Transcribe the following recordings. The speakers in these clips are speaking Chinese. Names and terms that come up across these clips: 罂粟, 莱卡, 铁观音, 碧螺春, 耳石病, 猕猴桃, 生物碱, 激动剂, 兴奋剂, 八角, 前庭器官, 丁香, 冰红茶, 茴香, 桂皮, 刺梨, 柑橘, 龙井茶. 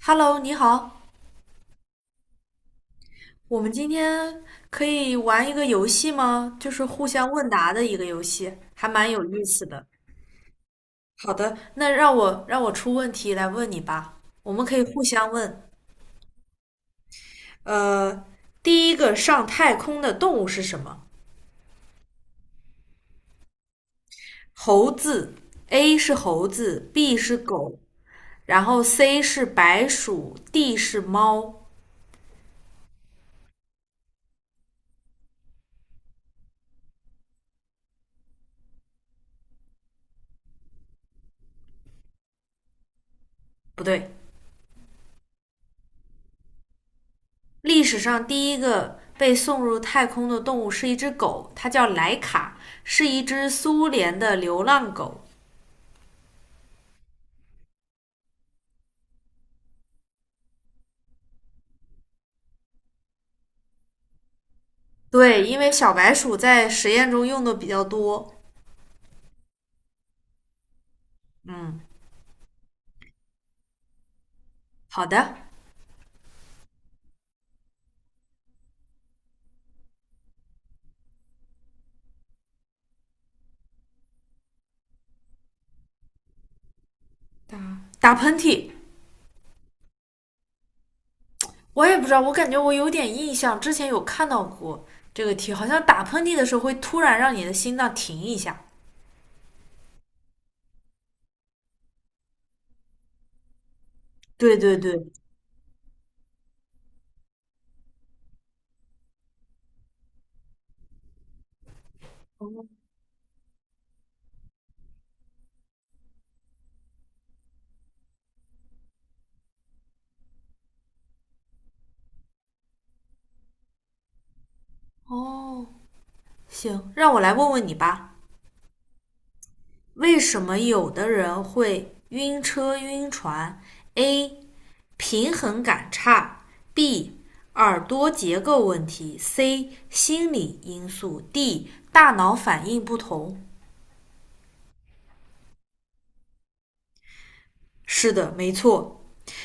Hello，你好，我们今天可以玩一个游戏吗？就是互相问答的一个游戏，还蛮有意思的。好的，那让我出问题来问你吧。我们可以互相问。呃，第一个上太空的动物是什么？猴子，A 是猴子，B 是狗，然后 C 是白鼠，D 是猫。不对。历史上第一个被送入太空的动物是一只狗，它叫莱卡，是一只苏联的流浪狗。对，因为小白鼠在实验中用的比较多。嗯，好的。打喷嚏。我也不知道，我感觉我有点印象，之前有看到过这个题，好像打喷嚏的时候会突然让你的心脏停一下。对对对。哦，行，让我来问问你吧，为什么有的人会晕车晕船？A. 平衡感差；B. 耳朵结构问题；C. 心理因素；D. 大脑反应不同。是的，没错，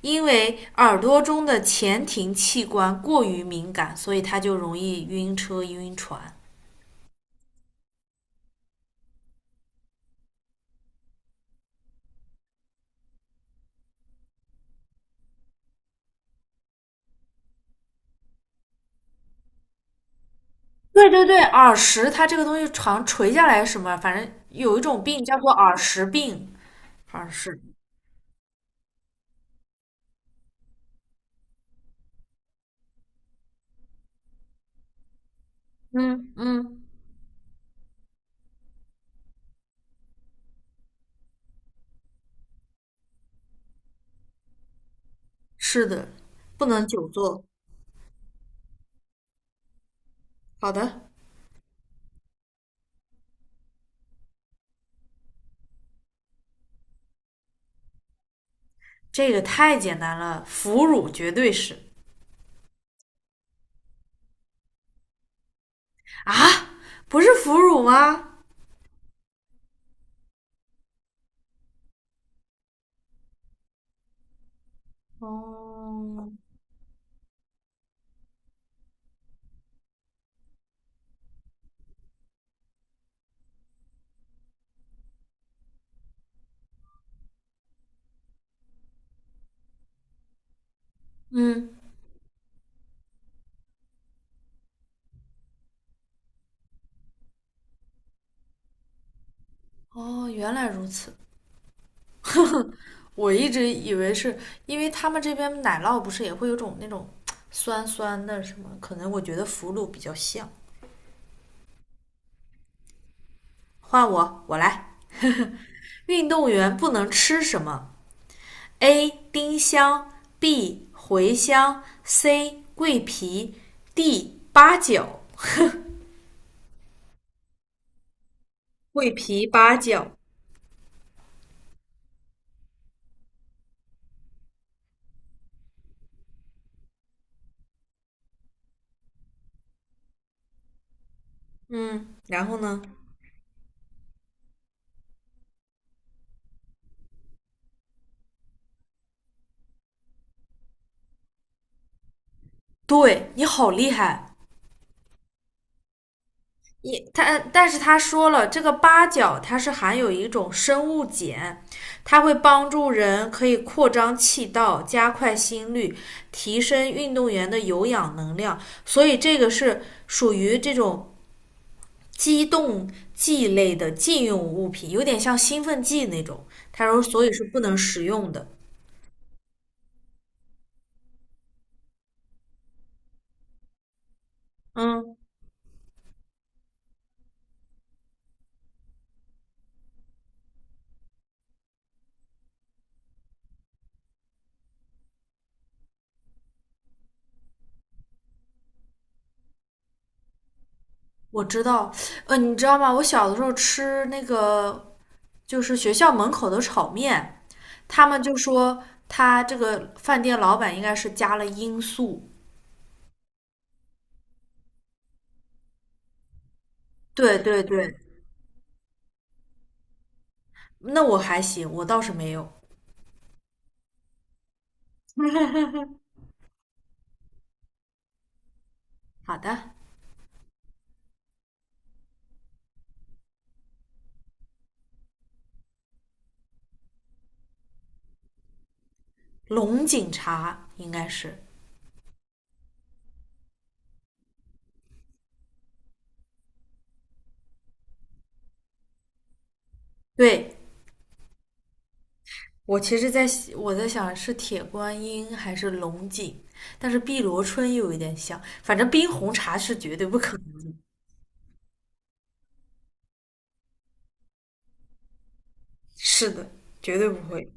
因为耳朵中的前庭器官过于敏感，所以它就容易晕车、晕船。对对对，耳石它这个东西常垂下来什么，反正有一种病叫做耳石病，耳石。嗯嗯，是的，不能久坐。好的。这个太简单了，腐乳绝对是。啊，不是腐乳吗？哦。嗯。哦，原来如此。我一直以为是因为他们这边奶酪不是也会有种那种酸酸的什么，可能我觉得腐乳比较像。换我，我来。运动员不能吃什么？A. 丁香 B. 茴香 C. 桂皮 D. 八角。桂皮、八角。嗯，然后呢？对你好厉害。你他，但是他说了，这个八角它是含有一种生物碱，它会帮助人可以扩张气道、加快心率、提升运动员的有氧能量，所以这个是属于这种激动剂类的禁用物品，有点像兴奋剂那种。他说，所以是不能食用的。嗯，我知道。你知道吗？我小的时候吃那个就是学校门口的炒面，他们就说他这个饭店老板应该是加了罂粟。对对对，那我还行，我倒是没有。好的，龙井茶应该是。对，我其实在我在想是铁观音还是龙井，但是碧螺春又有点像，反正冰红茶是绝对不可能。是的，绝对不会。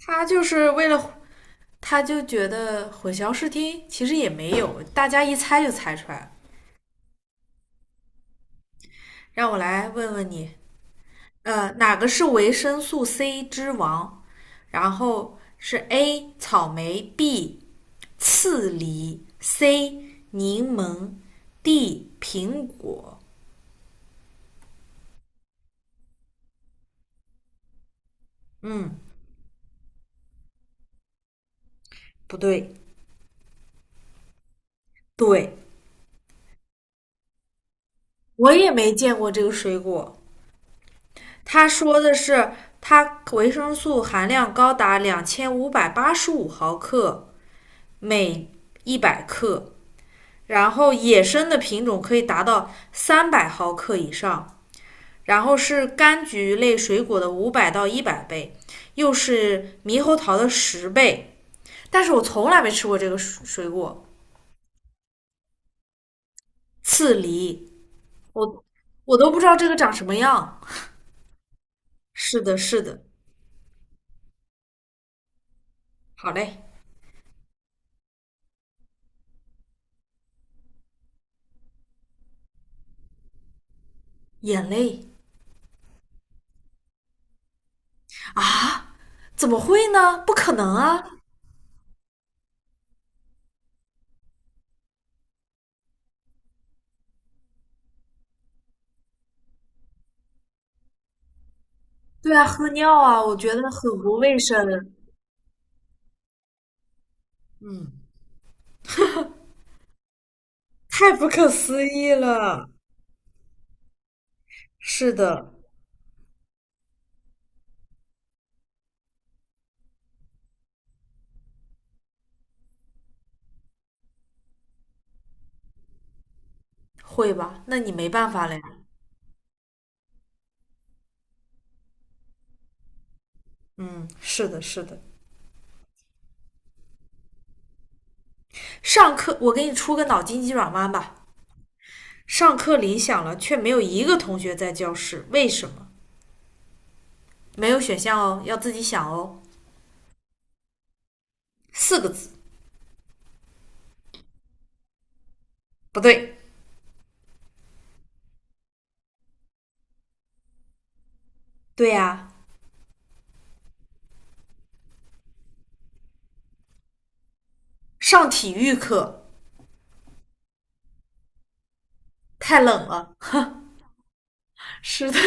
他就是为了，他就觉得混淆视听，其实也没有，大家一猜就猜出来了。让我来问问你，哪个是维生素 C 之王？然后是 A 草莓，B 刺梨，C 柠檬，D 苹果。嗯，不对。对，我也没见过这个水果。他说的是它维生素含量高达2585毫克每100克，然后野生的品种可以达到300毫克以上。然后是柑橘类水果的500到100倍，又是猕猴桃的10倍。但是我从来没吃过这个水果，刺梨，我我都不知道这个长什么样。是的，是的，好嘞。眼泪。啊？怎么会呢？不可能啊！对啊，喝尿啊，我觉得很不卫生。嗯，太不可思议了。是的，会吧？那你没办法了呀。嗯，是的，是的。上课我给你出个脑筋急转弯吧。上课铃响了，却没有一个同学在教室，为什么？没有选项哦，要自己想哦。4个字，不对。对呀、啊。上体育课太冷了。是的，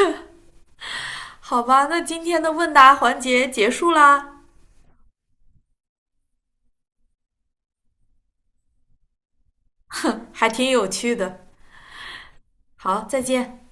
好吧，那今天的问答环节结束啦，还挺有趣的。好，再见。